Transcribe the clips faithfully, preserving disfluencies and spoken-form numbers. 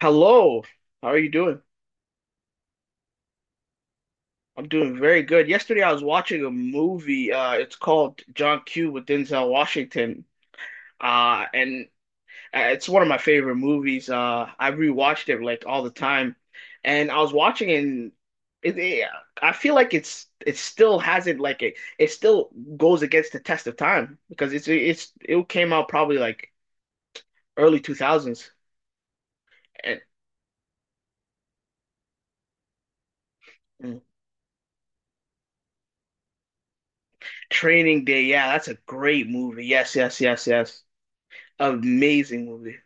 Hello, how are you doing? I'm doing very good. Yesterday I was watching a movie. Uh, it's called John Q with Denzel Washington. Uh, and uh, it's one of my favorite movies. Uh, I rewatched it like all the time, and I was watching it. And it, it- I feel like it's it still hasn't like it. It still goes against the test of time because it's it's it came out probably like early two thousands. And mm, Training Day, yeah, that's a great movie. Yes, yes, yes, yes. Amazing movie.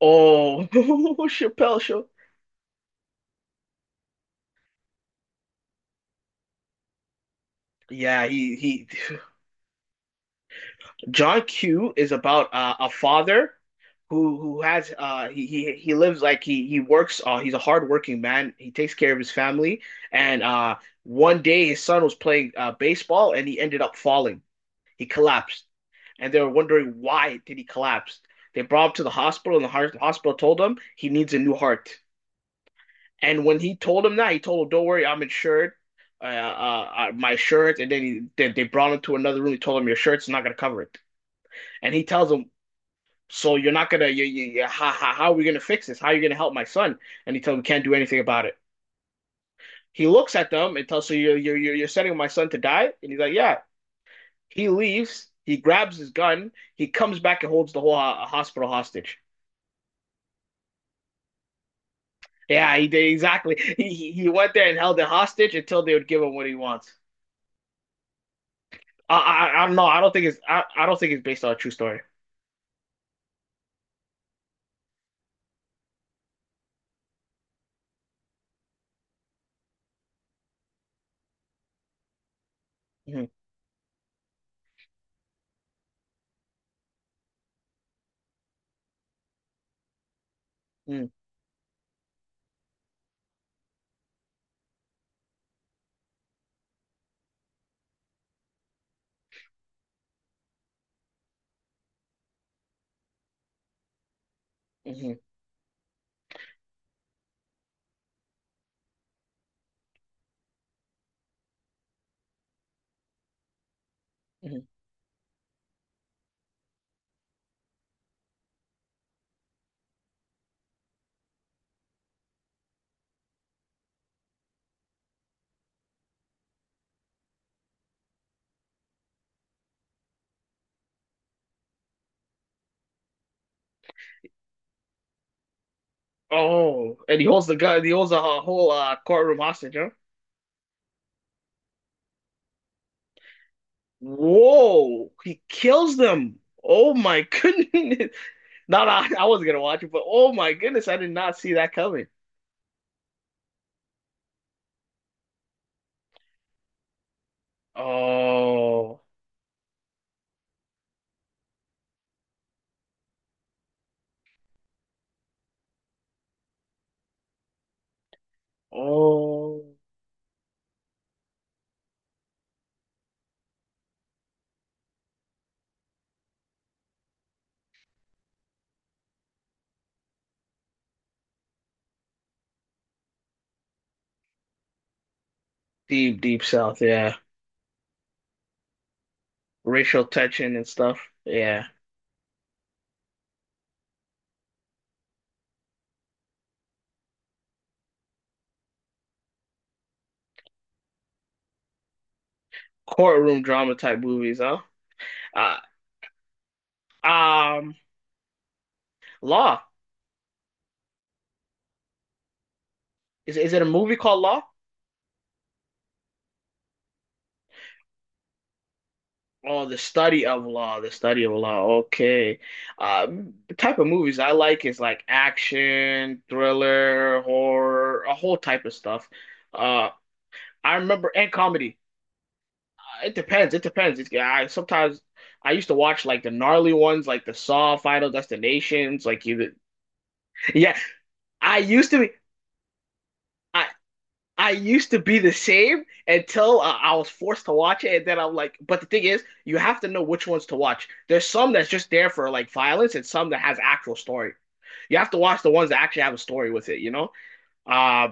Oh, Chappelle Show. Yeah, he he. John Q is about uh, a father who who has uh he he, he lives like he he works uh he's a hardworking man. He takes care of his family and uh one day his son was playing uh baseball and he ended up falling. He collapsed and they were wondering why did he collapse. They brought him to the hospital and the heart, the hospital told him he needs a new heart. And when he told him that, he told him, "Don't worry, I'm insured. Uh, uh, uh, my insurance." And then he, then they brought him to another room. He told him, "Your shirt's not gonna cover it." And he tells him, "So you're not gonna, you, you, you, how, how, how are we gonna fix this? How are you gonna help my son?" And he tells him, "We can't do anything about it." He looks at them and tells, "So you're you're you're sending my son to die?" And he's like, "Yeah." He leaves. He grabs his gun. He comes back and holds the whole ho hospital hostage. Yeah, he did exactly. He he he went there and held it hostage until they would give him what he wants. I, I, I don't know. I don't think it's. I, I don't think it's based on a true story. hmm hmm hmm hmm Oh, and he holds the gun. He holds a whole uh, courtroom hostage. Huh? Whoa! He kills them. Oh my goodness! Not I, I wasn't gonna watch it, but oh my goodness, I did not see that coming. Oh, oh, Deep, deep south. Yeah, racial tension and stuff. Yeah, courtroom drama type movies. Huh? Uh, um, Law. Is is it a movie called Law? Oh, the study of law, the study of law. Okay. Um, the type of movies I like is like action, thriller, horror, a whole type of stuff. Uh, I remember and comedy. Uh, It depends. It depends. It's, yeah, I sometimes I used to watch like the gnarly ones, like the Saw, Final Destinations, like you. Yeah, I used to be. I I used to be the same until uh, I was forced to watch it, and then I'm like, but the thing is, you have to know which ones to watch. There's some that's just there for like violence, and some that has actual story. You have to watch the ones that actually have a story with it, you know? Uh,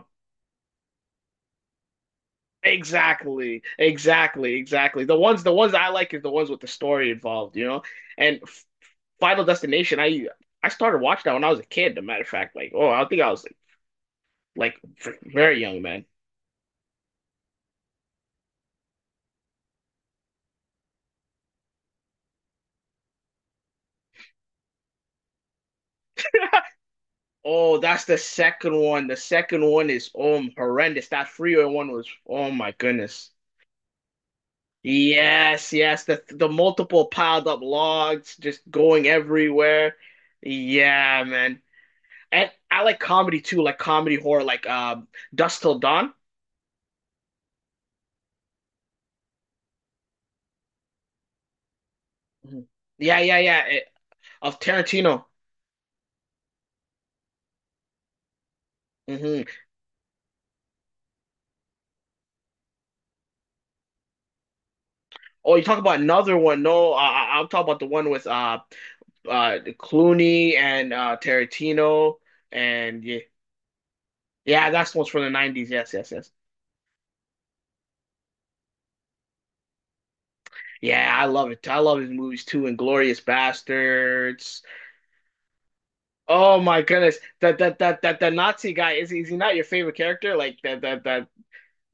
exactly, exactly, exactly. The ones, the ones that I like is the ones with the story involved, you know? And Final Destination, I I started watching that when I was a kid. As a matter of fact, like, oh, I think I was like, like very young, man. Oh, that's the second one. The second one is um horrendous. That freeway one was oh my goodness. Yes, yes. The the multiple piled up logs just going everywhere. Yeah, man. And I like comedy too, like comedy horror, like um Dust Till Dawn. Mhm. Yeah, yeah, yeah. Eh, of Tarantino. hmm Oh, you talk about another one? No, uh, I- I'll talk about the one with uh uh Clooney and uh Tarantino and yeah, yeah, that's what's from the nineties. Yes, yes, yes. Yeah, I love it. I love his movies too. Inglorious Bastards. Oh my goodness. That that that that that Nazi guy is he- is he not your favorite character? Like that that that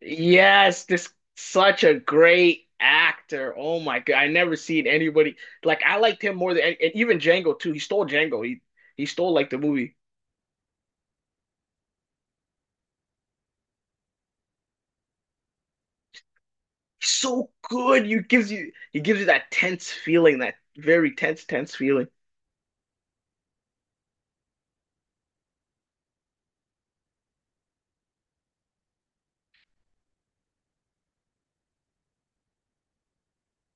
yes, this such a great actor. Oh my God. I never seen anybody like I liked him more than and and even Django too. He stole Django. He he stole like the movie. He's so good. You gives you He gives you that tense feeling, that very tense, tense feeling.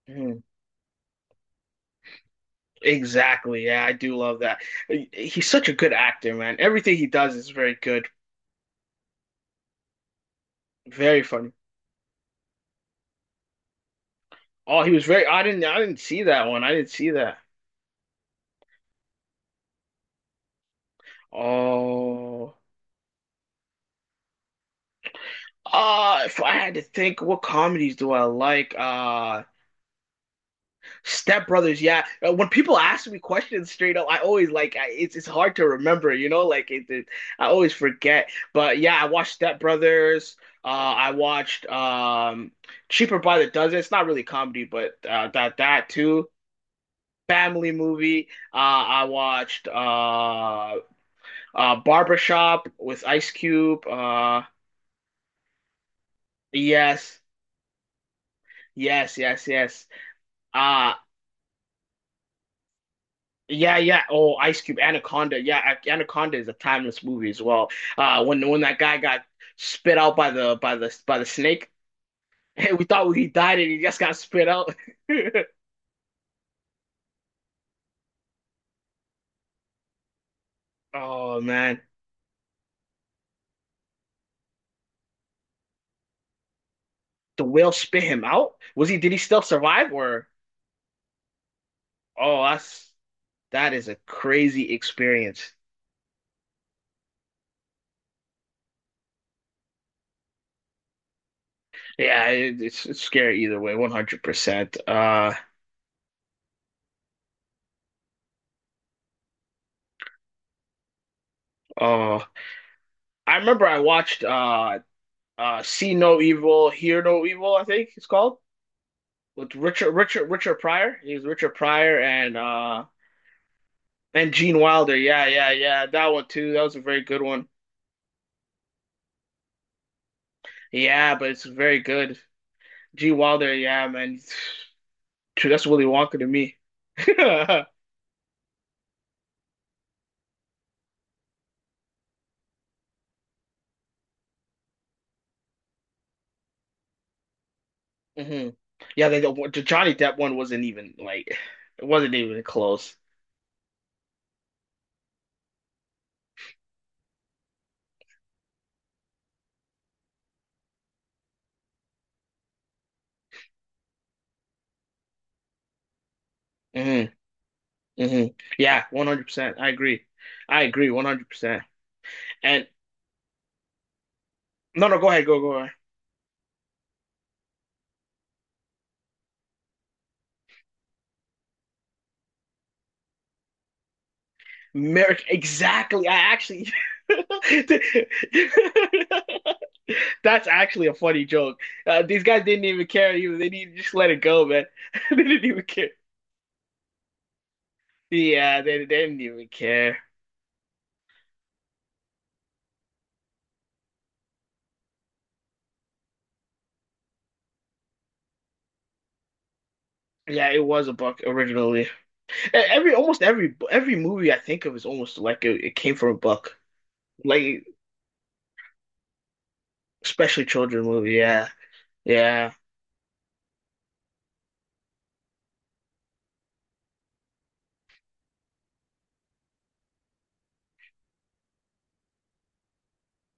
Hmm. Exactly. Yeah, I do love that. He's such a good actor, man. Everything he does is very good, very funny. Oh, he was very. I didn't. I didn't see that one. I didn't see that. Oh. Uh, if I had to think, what comedies do I like? Uh, Step Brothers, yeah. Uh, When people ask me questions straight up, I always like I, it's it's hard to remember, you know, like it, it I always forget. But yeah, I watched Step Brothers. Uh, I watched um Cheaper by the Dozen. It's not really comedy, but uh, that that too. Family movie. Uh, I watched uh, uh Barbershop with Ice Cube. Uh, yes, yes, yes, yes. Uh, Yeah, yeah. Oh, Ice Cube, Anaconda. Yeah, Ac- Anaconda is a timeless movie as well. Uh, when when that guy got spit out by the by the by the snake, we thought he died and he just got spit out. Oh man, the whale spit him out? Was he? Did he still survive? Or oh, that's that is a crazy experience. Yeah, it, it's it's scary either way, one hundred percent. Uh, oh, I remember I watched uh uh See No Evil, Hear No Evil, I think it's called. With Richard Richard Richard Pryor. He was Richard Pryor and uh and Gene Wilder. Yeah, yeah, yeah. That one too. That was a very good one. Yeah, but it's very good. Gene Wilder. Yeah, man. True. That's Willy Wonka to me. hmm Yeah, they, the, the Johnny Depp one wasn't even like it wasn't even close. hmm hmm Yeah, one hundred percent. I agree. I agree one hundred percent. And no, No, go ahead, go, go. Merrick, exactly. I actually that's actually a funny joke. Uh, these guys didn't even care. You, they didn't just let it go, man. They didn't even care. Yeah, they, they didn't even care. Yeah, it was a book originally. E- Every almost every every movie I think of is almost like it, it came from a book, like especially children movie. Yeah, yeah,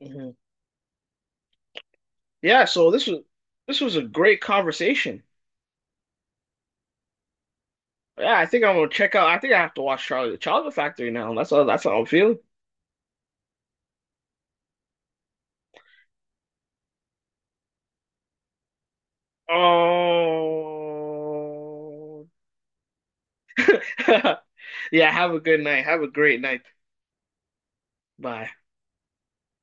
hmm yeah. So this was this was a great conversation. Yeah, I think I'm gonna check out. I think I have to watch Charlie the Chocolate Factory now. That's all. That's how I'm feeling. Oh. Yeah, have a good night. Have a great night. Bye.